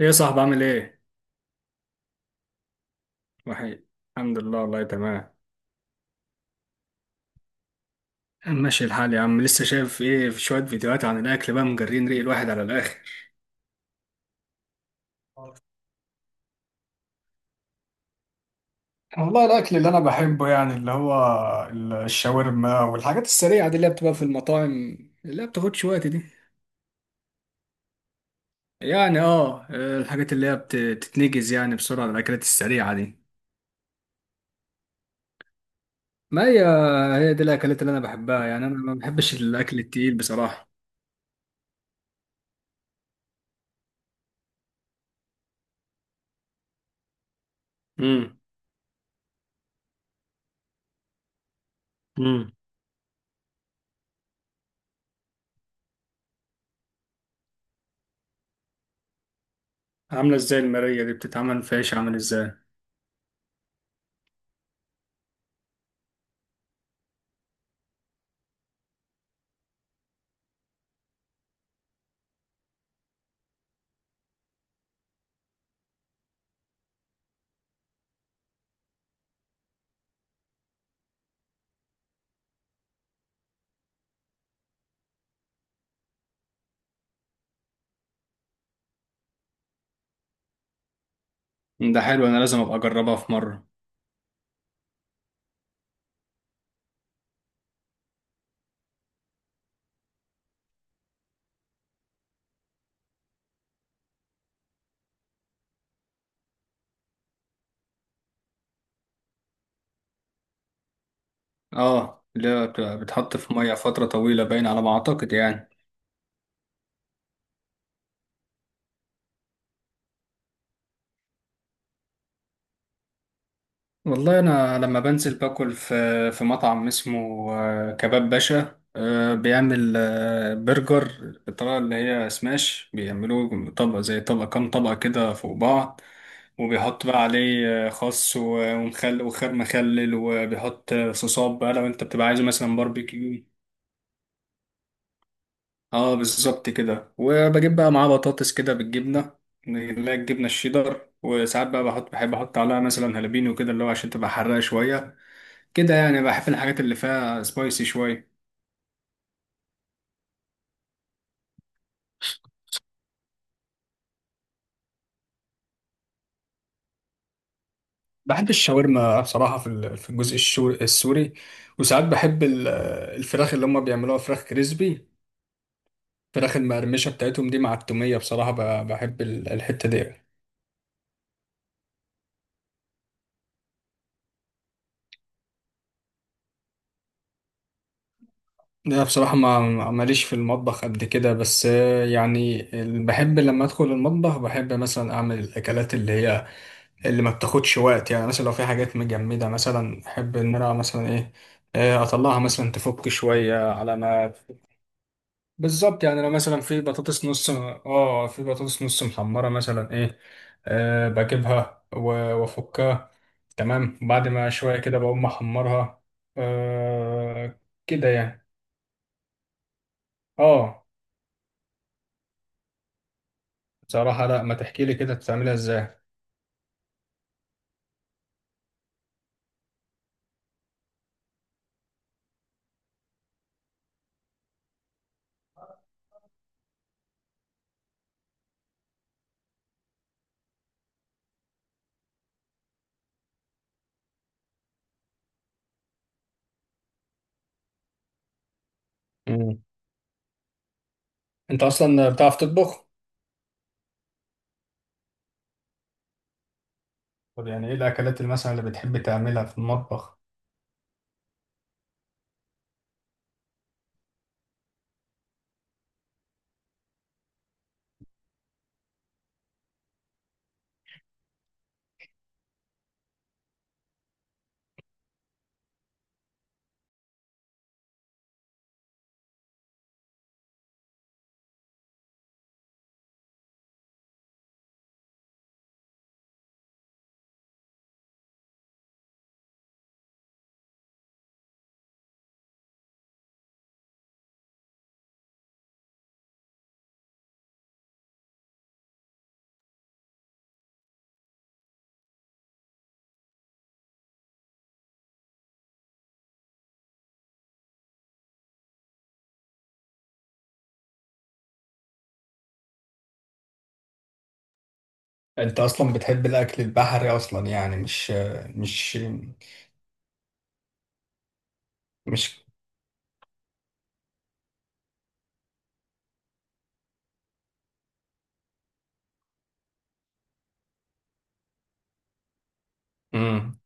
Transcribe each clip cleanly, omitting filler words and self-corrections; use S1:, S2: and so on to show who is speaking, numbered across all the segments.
S1: ايه يا صاحبي عامل ايه؟ وحيد. الحمد لله، والله تمام. ماشي الحال يا عم. لسه شايف ايه؟ في شوية فيديوهات عن الأكل بقى مجرين ريق الواحد على الآخر. والله الاكل اللي انا بحبه يعني اللي هو الشاورما والحاجات السريعه دي اللي هي بتبقى في المطاعم، لا بتاخدش وقت دي. يعني الحاجات اللي هي بتتنجز يعني بسرعة، الأكلات السريعة دي. ما هي دي الأكلات اللي أنا بحبها، يعني أنا ما بحبش الأكل التقيل بصراحة. امم. امم. عاملة ازاي المارية دي بتتعمل في عيش، عامل ازاي؟ ده حلو، انا لازم ابقى اجربها في مره. اه، اللي هي بتبقى بتحط في ميه فتره طويله، باين على ما اعتقد يعني. والله انا لما بنزل باكل في مطعم اسمه كباب باشا. بيعمل برجر بالطريقه اللي هي سماش، بيعملوه طبقه زي طبقه، كام طبقه كده فوق بعض. وبيحط بقى عليه خس و- ومخل وخيار مخلل، وبيحط صوصات بقى، لو انت بتبقى عايزه مثلا باربيكيو. اه بالظبط كده، وبجيب بقى معاه بطاطس كده بالجبنه، اللي هي الجبنه الشيدر. وساعات بقى بحب احط عليها مثلا هالبينو كده اللي هو عشان تبقى حراقه شويه. كده يعني بحب الحاجات اللي فيها سبايسي شويه. بحب الشاورما بصراحة في الجزء السوري. وساعات بحب الفراخ اللي هم بيعملوها فراخ كريسبي، الفراخ المقرمشة بتاعتهم دي مع التومية. بصراحة بحب الحتة دي. لا بصراحة، ما ماليش في المطبخ قد كده. بس يعني بحب لما أدخل المطبخ، بحب مثلا أعمل الأكلات اللي هي اللي ما بتاخدش وقت. يعني مثلا لو في حاجات مجمدة، مثلا أحب إن أنا مثلا إيه، أطلعها مثلا تفك شوية على ما. بالظبط يعني، لو مثلا في بطاطس نص محمرة مثلا إيه، بجيبها وأفكها. تمام بعد ما شوية كده بقوم أحمرها. آه، كده يعني. آه بصراحة لا، ما تحكي لي كده بتعملها ازاي. مم. انت اصلا بتعرف تطبخ؟ طب يعني ايه الاكلات اللي مثلا اللي بتحب تعملها في المطبخ؟ انت اصلا بتحب الاكل البحري اصلا يعني؟ مش مش مش. مم.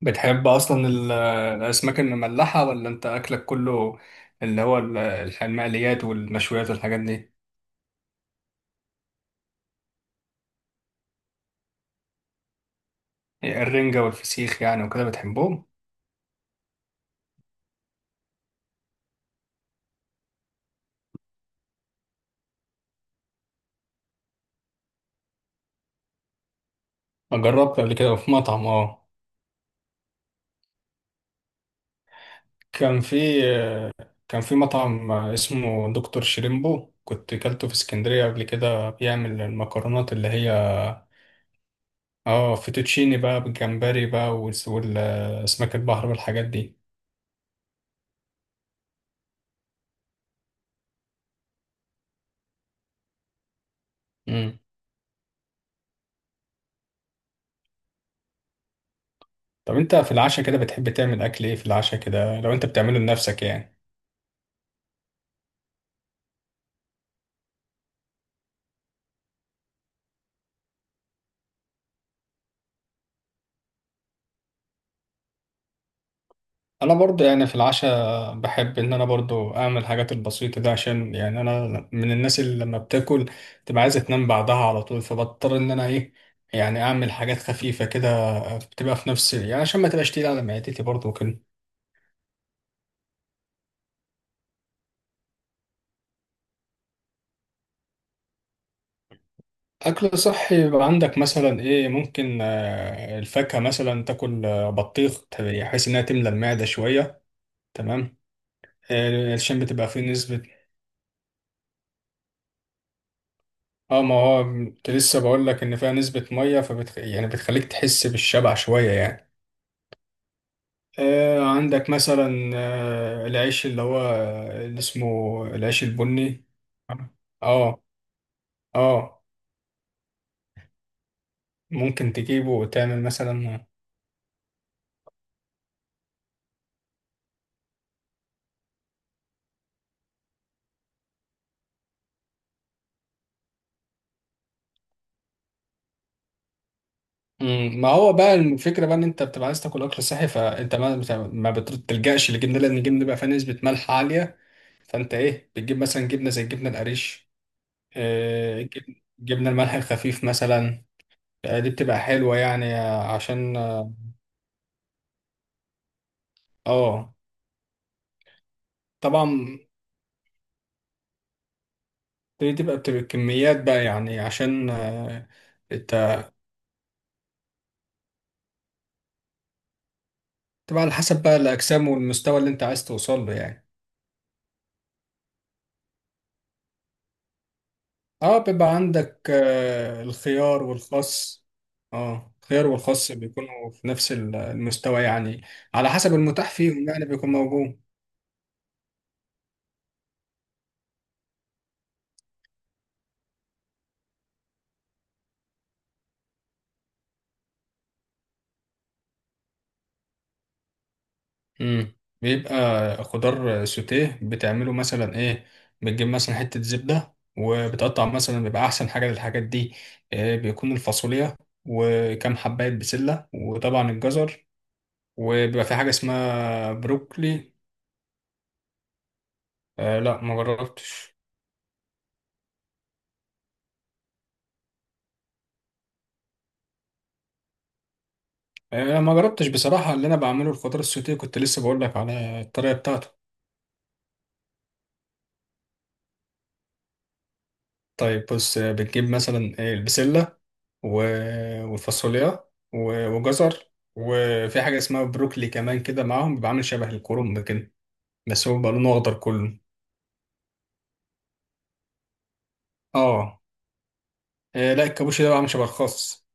S1: بتحب اصلا الاسماك المملحة، ولا انت اكلك كله اللي هو المقليات والمشويات والحاجات دي؟ الرنجة والفسيخ يعني وكده بتحبهم؟ جربت قبل كده في مطعم. اه كان في كان في مطعم اسمه دكتور شريمبو، كنت كلته في اسكندرية قبل كده، بيعمل المكرونات اللي هي اه فيتوتشيني بقى بالجمبري بقى، والأسماك البحر والحاجات دي. مم. طب انت في العشاء كده بتحب تعمل اكل ايه في العشاء كده، لو انت بتعمله لنفسك يعني؟ انا برضو يعني في العشاء بحب ان انا برضو اعمل الحاجات البسيطه ده عشان يعني انا من الناس اللي لما بتاكل تبقى عايزه تنام بعدها على طول، فبضطر ان انا ايه، يعني اعمل حاجات خفيفه كده، بتبقى في نفس يعني عشان ما تبقاش تقيله على معدتي برضو كده. اكل صحي؟ يبقى عندك مثلا ايه. ممكن الفاكهه مثلا، تاكل بطيخ، بحيث انها تملى المعده شويه. تمام، عشان بتبقى فيه نسبة. اه ما هو كنت لسه بقول لك ان فيها نسبة مية، يعني بتخليك تحس بالشبع شوية يعني. عندك مثلا العيش اللي هو اللي اسمه العيش البني. اه. اه. آه، ممكن تجيبه وتعمل مثلا. مم، ما هو بقى الفكرة بقى ان انت بتبقى عايز تاكل اكل صحي، فانت ما بتلجأش للجبنة، لان الجبنة بقى فيها نسبة ملح عالية. فانت ايه، بتجيب مثلا جبنة زي الجبنة القريش، جبنة الملح الخفيف مثلا. دي بتبقى حلوة يعني، عشان آه، طبعا. دي بتبقى كميات بقى يعني، عشان انت تبقى على حسب بقى الأجسام والمستوى اللي انت عايز توصل له يعني. اه بيبقى عندك الخيار والخس. اه الخيار والخس بيكونوا في نفس المستوى يعني، على حسب المتاح فيهم يعني بيكون موجود. امم بيبقى خضار سوتيه، بتعمله مثلا ايه؟ بتجيب مثلا حتة زبدة، وبتقطع مثلا، بيبقى أحسن حاجة للحاجات دي، إيه، بيكون الفاصوليا وكم حباية بسلة وطبعا الجزر، وبيبقى في حاجة اسمها بروكلي. لا ما جربتش. ما جربتش بصراحة، اللي أنا بعمله الخضار السوتيه، كنت لسه بقول لك على الطريقة بتاعته. طيب بص، بتجيب مثلا البسلة والفاصوليا وجزر، وفي حاجة اسمها بروكلي كمان كده معاهم، بيبقى عامل شبه الكرنب كده، بس هو بيبقى لونه أخضر كله. اه. إيه، لا الكابوشي ده بيبقى عامل شبه الخاص.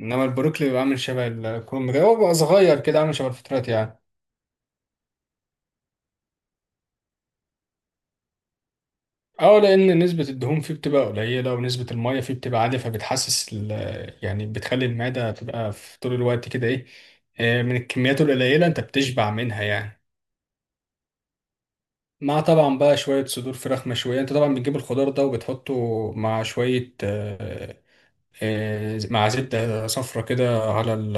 S1: إنما البروكلي بيبقى عامل شبه الكرنب كده، هو بيبقى صغير كده عامل شبه الفترات يعني. اه لأن نسبة الدهون فيه بتبقى قليلة، ونسبة المية فيه بتبقى عالية، يعني بتخلي المعدة تبقى في طول الوقت كده، ايه، إيه، من الكميات القليلة انت بتشبع منها يعني. مع طبعا بقى شوية صدور فراخ مشوية. انت طبعا بتجيب الخضار ده وبتحطه مع شوية، مع زبدة صفرة كده على ال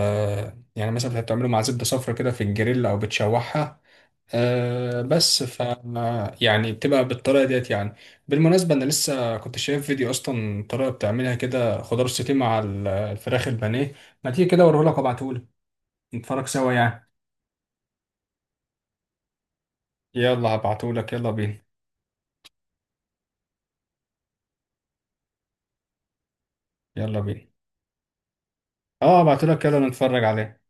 S1: يعني مثلا انت بتعمله مع زبدة صفرة كده في الجريل او بتشوحها، بس يعني بتبقى بالطريقة ديت يعني. بالمناسبة انا لسه كنت شايف فيديو اصلا، طريقة بتعملها كده خضار سوتيه مع الفراخ البانيه. ما تيجي كده اوريهولك وابعتهولك، نتفرج سوا يعني. يلا هبعتهولك، يلا بينا. يلا بينا. اه هبعتهولك، يلا نتفرج عليه.